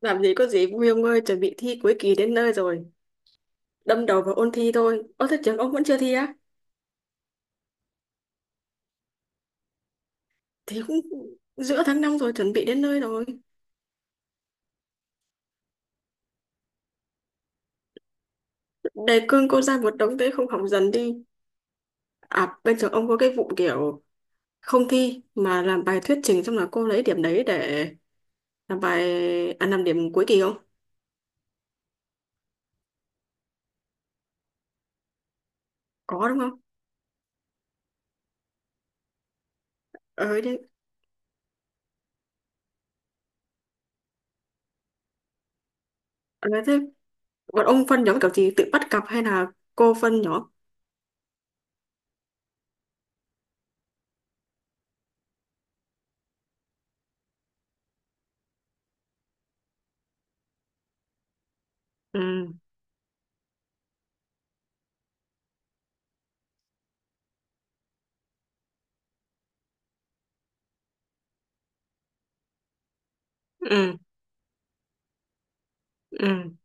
Làm gì có gì vui ông ơi, chuẩn bị thi cuối kỳ đến nơi rồi. Đâm đầu vào ôn thi thôi. Ơ thế trường ông vẫn chưa thi á? Thì cũng giữa tháng 5 rồi, chuẩn bị đến nơi rồi. Đề cương cô ra một đống thế không học dần đi. À, bên trường ông có cái vụ kiểu không thi mà làm bài thuyết trình xong là cô lấy điểm đấy để làm bài làm điểm cuối kỳ không? Có đúng không? Ờ thế, ờ, thế bọn ông phân nhóm kiểu gì tự bắt cặp hay là cô phân nhóm? Ừ, ừ, ừ.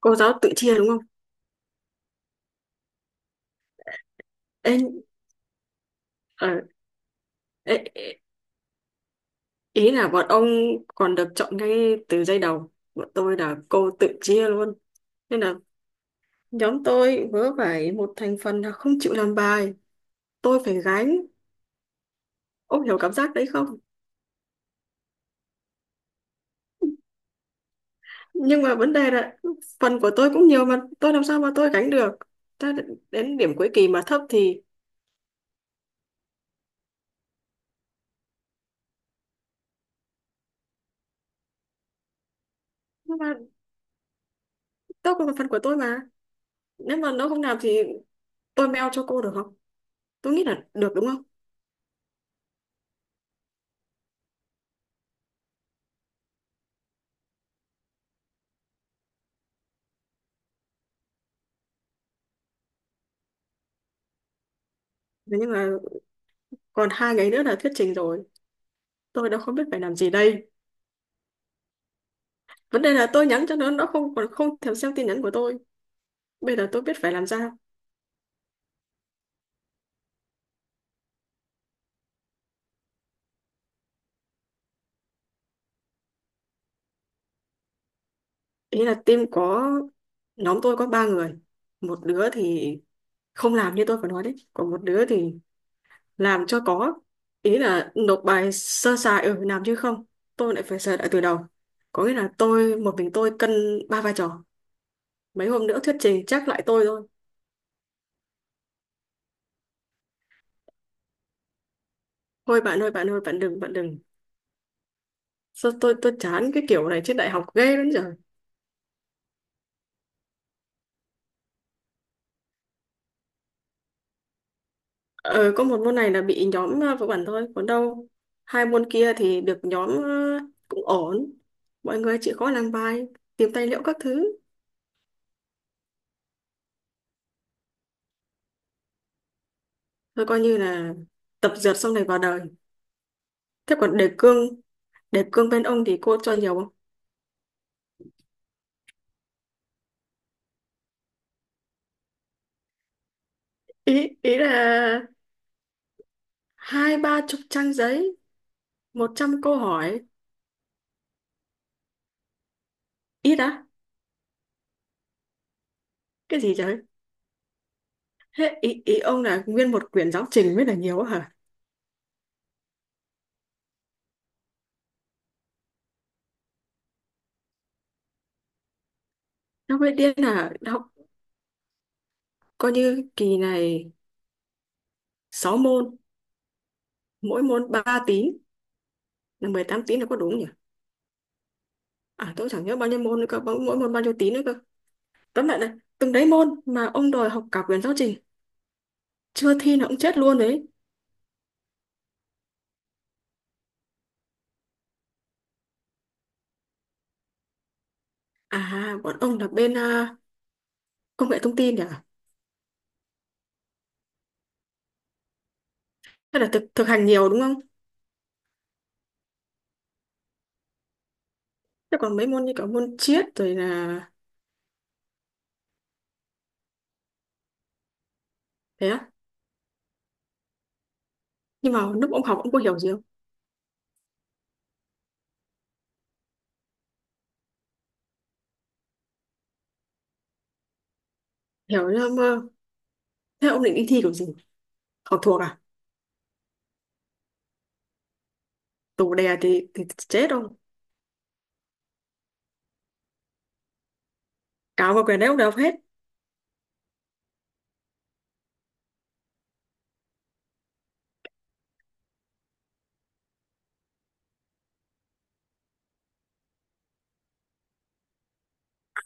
Cô giáo tự chia đúng không? Ê, ờ, ê, Ý là bọn ông còn được chọn ngay từ giây đầu. Bọn tôi là cô tự chia luôn. Nên là nhóm tôi vớ phải một thành phần là không chịu làm bài. Tôi phải gánh. Ông hiểu cảm giác đấy không? Nhưng mà vấn đề là phần của tôi cũng nhiều mà tôi làm sao mà tôi gánh được. Ta đến điểm cuối kỳ mà thấp thì... Nhưng mà tôi còn phần của tôi mà. Nếu mà nó không làm thì tôi mail cho cô được không? Tôi nghĩ là được đúng không? Nhưng mà còn hai ngày nữa là thuyết trình rồi. Tôi đã không biết phải làm gì đây. Vấn đề là tôi nhắn cho nó không còn không thèm xem tin nhắn của tôi. Bây giờ tôi biết phải làm sao? Ý là team có nhóm tôi có ba người, một đứa thì không làm như tôi vừa nói đấy, còn một đứa thì làm cho có. Ý là nộp bài sơ sài ở làm chứ không tôi lại phải sửa lại từ đầu. Có nghĩa là tôi một mình tôi cân ba vai trò. Mấy hôm nữa thuyết trình chắc lại tôi thôi. Thôi bạn ơi, bạn ơi, bạn đừng, bạn đừng. Sao tôi chán cái kiểu này trên đại học ghê lắm giờ. Ờ, có một môn này là bị nhóm của bản thôi, còn đâu hai môn kia thì được nhóm, cũng ổn. Mọi người chịu khó làm bài, tìm tài liệu các thứ, rồi coi như là tập dượt xong này vào đời. Thế còn đề cương bên ông thì cô cho nhiều không? Ý ý là hai ba chục trang giấy, một trăm câu hỏi, ít á? Cái gì trời? Thế ý ý ông là nguyên một quyển giáo trình mới là nhiều á hả? Nó mới điên là học, coi như kỳ này 6 môn, mỗi môn 3 tín là 18 tín là có đúng nhỉ. À tôi chẳng nhớ bao nhiêu môn nữa cơ, mỗi mỗi môn bao nhiêu tín nữa cơ. Tóm lại là từng đấy môn mà ông đòi học cả quyển giáo trình, chưa thi là ông chết luôn đấy. À bọn ông là bên à, công nghệ thông tin nhỉ. Tức là thực thực hành nhiều đúng không? Thế còn mấy môn như cả môn triết rồi là. Thế á? Nhưng mà lúc ông học ông có hiểu gì không? Hiểu nhưng mà thế ông định đi thi kiểu gì, học thuộc à? Tủ đè thì chết ông. Cáo vào quyển đấy ông đều học hết,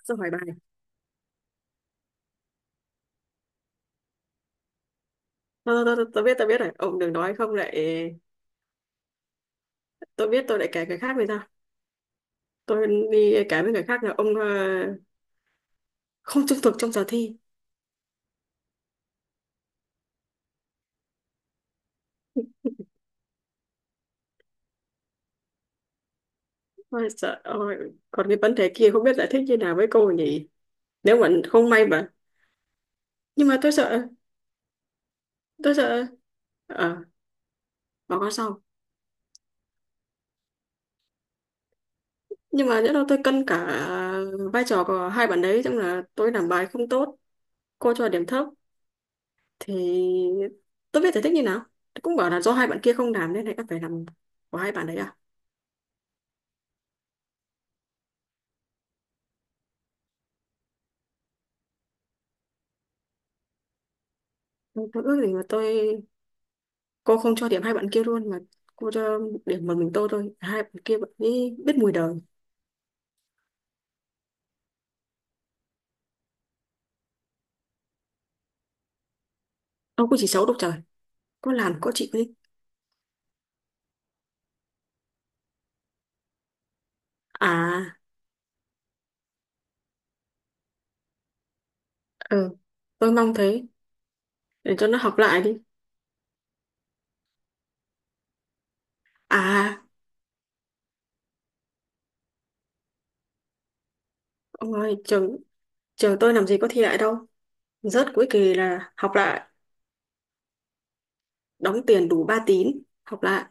xong hỏi bài. Tôi biết rồi ông đừng nói không lại tôi biết tôi lại kể cái khác người ta. Tôi đi cái với người khác là ông, không trung thực trong giờ thi. Ôi trời ơi, còn cái vấn đề kia không biết giải thích như nào với cô nhỉ. Nếu mà không may mà... nhưng mà tôi sợ, tôi sợ ờ báo cáo sau. Nhưng mà nhỡ đâu tôi cân cả vai trò của hai bạn đấy trong là tôi làm bài không tốt, cô cho điểm thấp thì tôi biết giải thích như nào? Tôi cũng bảo là do hai bạn kia không làm nên là các phải làm của hai bạn đấy à? Tôi ước gì mà tôi, cô không cho điểm hai bạn kia luôn mà cô cho điểm một mình tôi thôi, hai bạn kia bạn ấy biết mùi đời. Ông cũng chỉ xấu độc trời, có làm có chịu đi. À, ừ, tôi mong thế, để cho nó học lại đi. À ông ơi, trường trường tôi làm gì có thi lại đâu, rớt cuối kỳ là học lại, đóng tiền đủ ba tín học lại.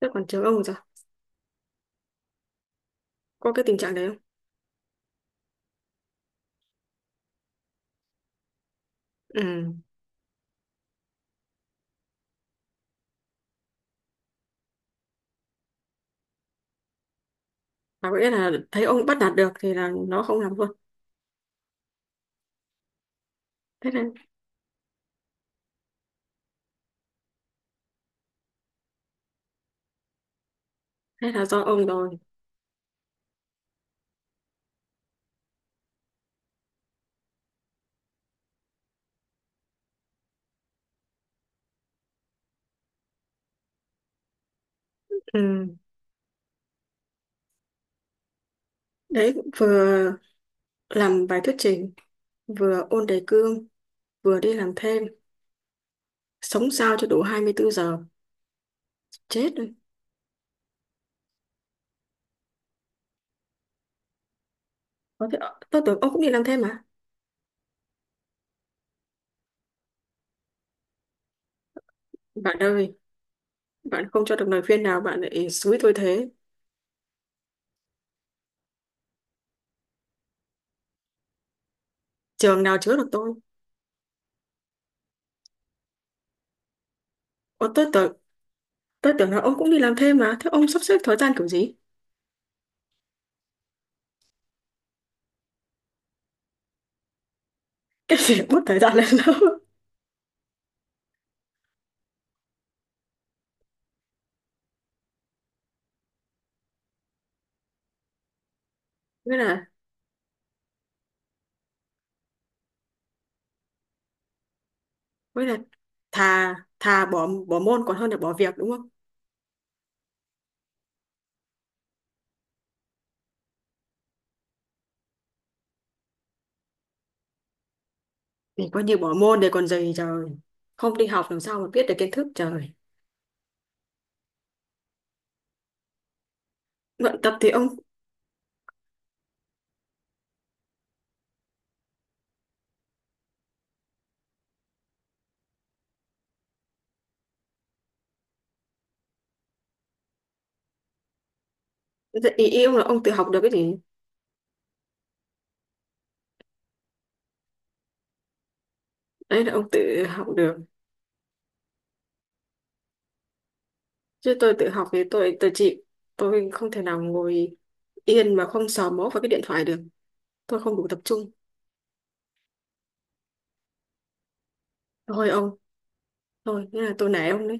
Thế còn trường ông thì sao, có cái tình trạng đấy không? Ừ, và có nghĩa là thấy ông bắt nạt được thì là nó không làm luôn. Thế nên, thế là do ông rồi. Ừ, đấy vừa làm bài thuyết trình, vừa ôn đề cương, vừa đi làm thêm, sống sao cho đủ 24 giờ, chết rồi. Có thể tôi tưởng ông cũng đi làm thêm mà. Bạn ơi, bạn không cho được lời khuyên nào bạn lại xúi tôi thế. Trường nào chứa được tôi? Ủa, tôi tưởng, là ông cũng đi làm thêm mà, thế ông sắp xếp thời gian kiểu gì? Cái gì mất thời gian lên lớp? Với là với là thà thà bỏ bỏ môn còn hơn là bỏ việc đúng không? Thì coi như bỏ môn để còn gì trời, không đi học làm sao mà biết được kiến thức trời, luyện tập thì ông. Ý, ý ông là ông tự học được cái gì? Đấy là ông tự học được, chứ tôi tự học thì tôi chịu. Tôi không thể nào ngồi yên mà không sờ mó vào cái điện thoại được, tôi không đủ tập trung. Thôi ông, thôi thế là tôi nể ông đấy.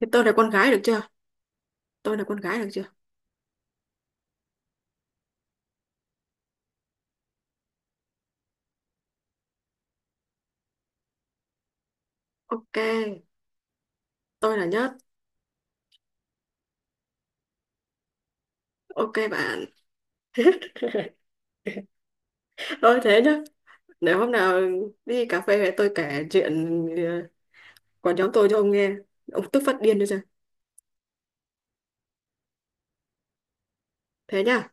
Thì tôi là con gái được chưa, tôi là con gái được chưa? OK, tôi là nhất. OK bạn. Thôi thế nhá, để hôm nào đi cà phê về tôi kể chuyện, ờ, của nhóm tôi cho ông nghe, ông tức phát điên đi ra. Thế nhá.